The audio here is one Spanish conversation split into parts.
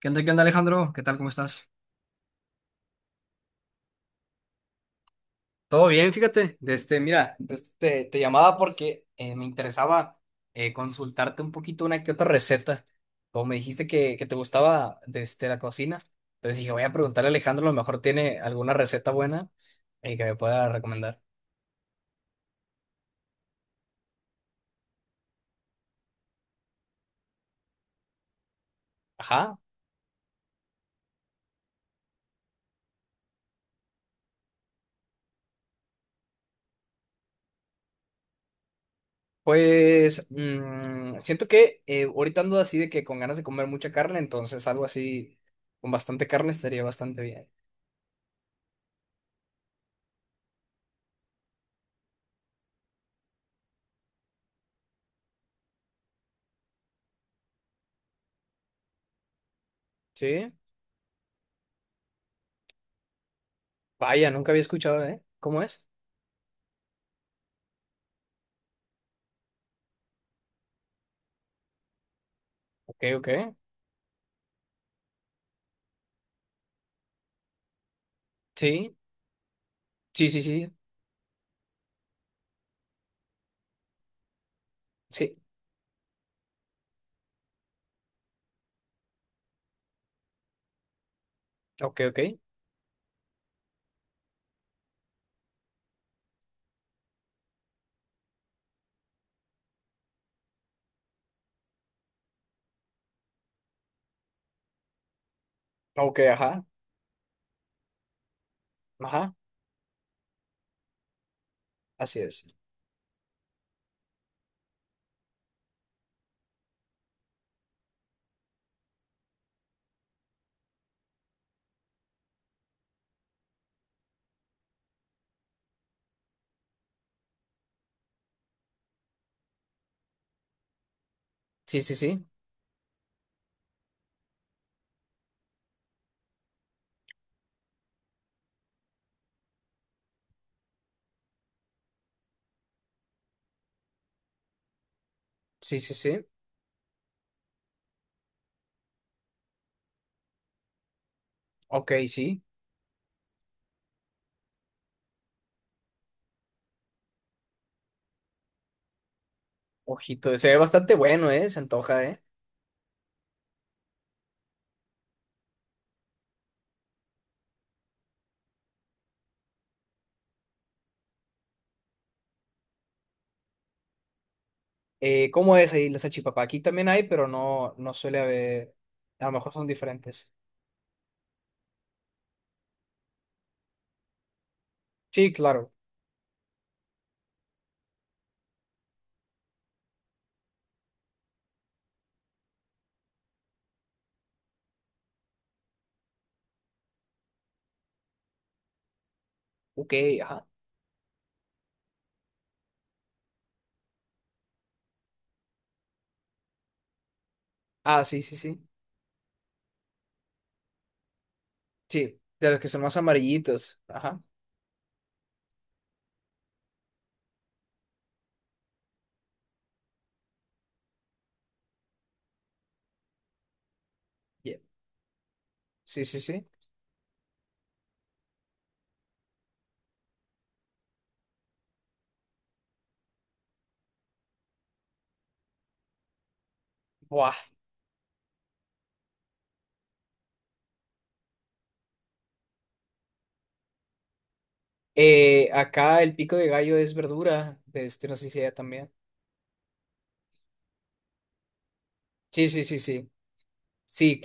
Qué onda, Alejandro? ¿Qué tal? ¿Cómo estás? Todo bien, fíjate. Mira, te llamaba porque me interesaba consultarte un poquito una que otra receta. Como me dijiste que te gustaba la cocina, entonces dije, voy a preguntarle a Alejandro, a lo mejor tiene alguna receta buena que me pueda recomendar. Ajá. Pues mm, siento que ahorita ando así de que con ganas de comer mucha carne, entonces algo así con bastante carne estaría bastante bien. Sí. Vaya, nunca había escuchado, ¿eh? ¿Cómo es? Ok, ok. Sí, sí, sí, sí, sí. Ok, ok. Ok, ajá, ajá. Así es. Sí, sí, sí. Sí, sí, sí. Ok, sí. Ojito, se ve bastante bueno, ¿eh? Se antoja, ¿eh? ¿Cómo es ahí la salchipapa? Aquí también hay, pero no, no suele haber. A lo mejor son diferentes. Sí, claro. Ok, ajá. Ah, sí, sí, sí. Sí, de los que son más amarillitos. Ajá. Yeah. Sí, sí, sí. Buah. Acá el pico de gallo es verdura. No sé si allá también. Sí, sí, sí, sí. Sí,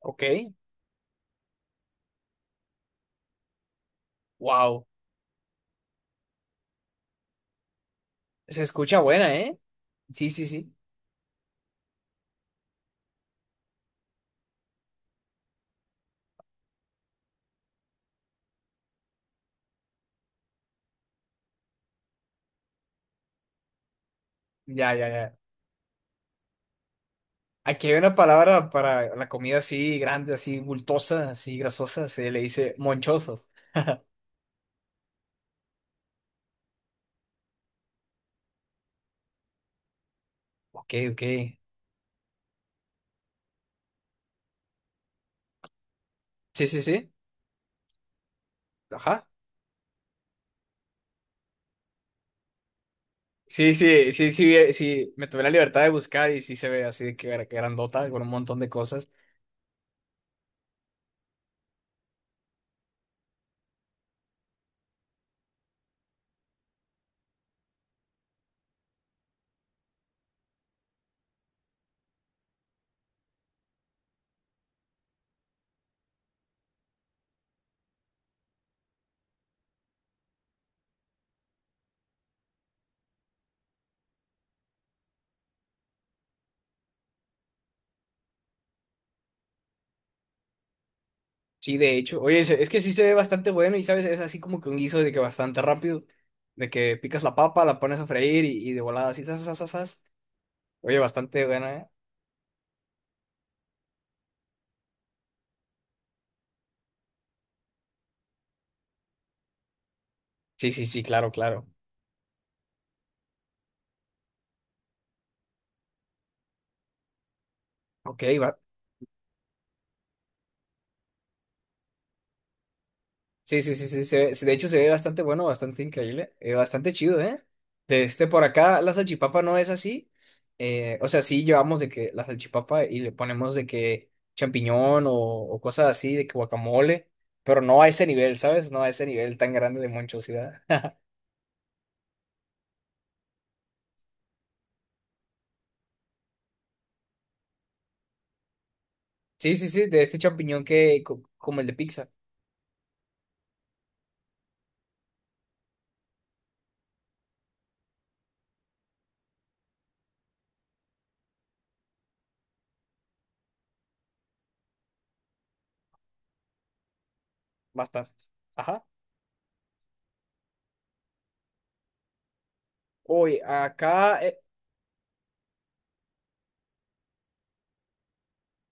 ok, wow, se escucha buena, ¿eh? Sí, sí, sí, ya, ya, ya. Aquí hay una palabra para la comida así grande, así bultosa, así grasosa, se le dice monchoso. Ok, ok. Sí, sí, sí, ajá. Sí, sí, sí, sí, sí, me tomé la libertad de buscar y sí se ve así de que grandota, con un montón de cosas. Sí, de hecho, oye, es que sí se ve bastante bueno y, ¿sabes? Es así como que un guiso de que bastante rápido, de que picas la papa, la pones a freír y de volada así, zas, zas, zas, zas. Oye, bastante buena, ¿eh? Sí, sí, sí, claro, claro. Ok, va. Sí, sí, sí, sí, de hecho se ve bastante bueno, bastante increíble, bastante chido, ¿eh? De este por acá la salchipapa no es así. O sea, sí llevamos de que la salchipapa y le ponemos de que champiñón o cosas así, de que guacamole, pero no a ese nivel, ¿sabes? No a ese nivel tan grande de monchosidad. Sí, sí, sí, de este champiñón que como el de pizza, bastante. Ajá. Hoy acá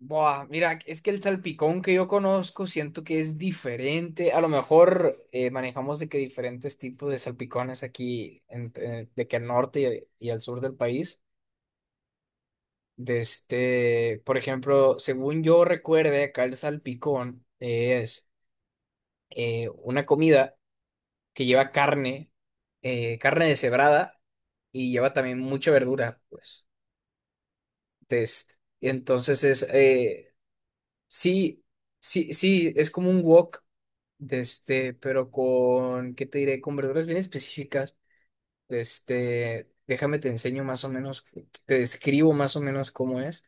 buah, mira, es que el salpicón que yo conozco siento que es diferente. A lo mejor manejamos de que diferentes tipos de salpicones aquí, de que al norte y al sur del país. De este, por ejemplo, según yo recuerde, acá el salpicón es una comida que lleva carne, carne deshebrada y lleva también mucha verdura, pues. De este, entonces es, sí, sí, sí, es como un wok, de este, pero con, ¿qué te diré? Con verduras bien específicas. Déjame te enseño más o menos, te describo más o menos cómo es.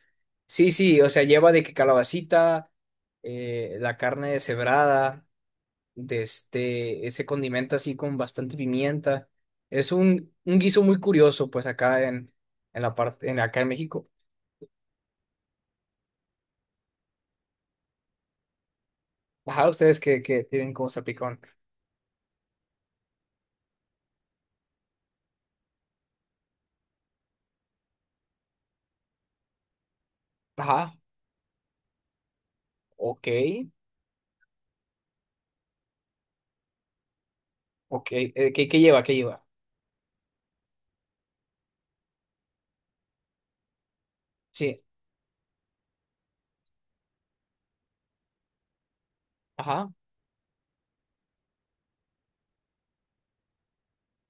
Sí, sí, o sea, lleva de que calabacita, la carne deshebrada, de este, se condimenta así con bastante pimienta. Es un guiso muy curioso, pues acá en la parte, en, acá en México. Ajá, ustedes que tienen como salpicón. Ajá, ok. Ok, ¿qué, qué lleva? ¿Qué lleva? Sí, ajá,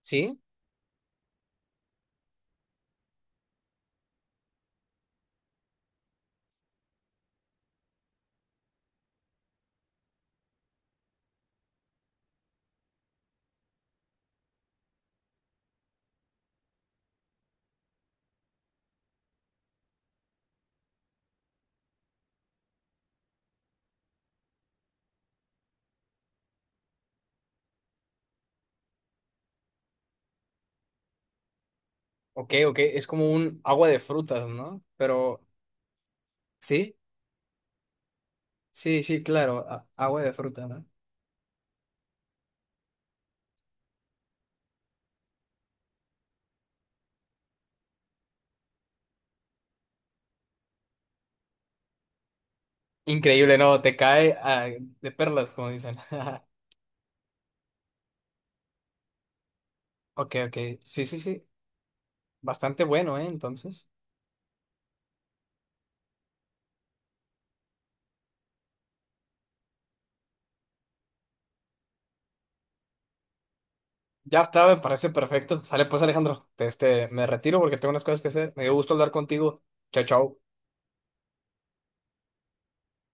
sí, ok, ok, es como un agua de frutas, ¿no? Pero, sí, sí, sí, claro, a- agua de fruta, ¿no? Increíble, no, te cae ah, de perlas, como dicen. Ok, ok, sí, sí, sí, bastante bueno, ¿eh? Entonces, ya está, me parece perfecto. Sale pues, Alejandro, este, me retiro porque tengo unas cosas que hacer. Me dio gusto hablar contigo. Chao, chao.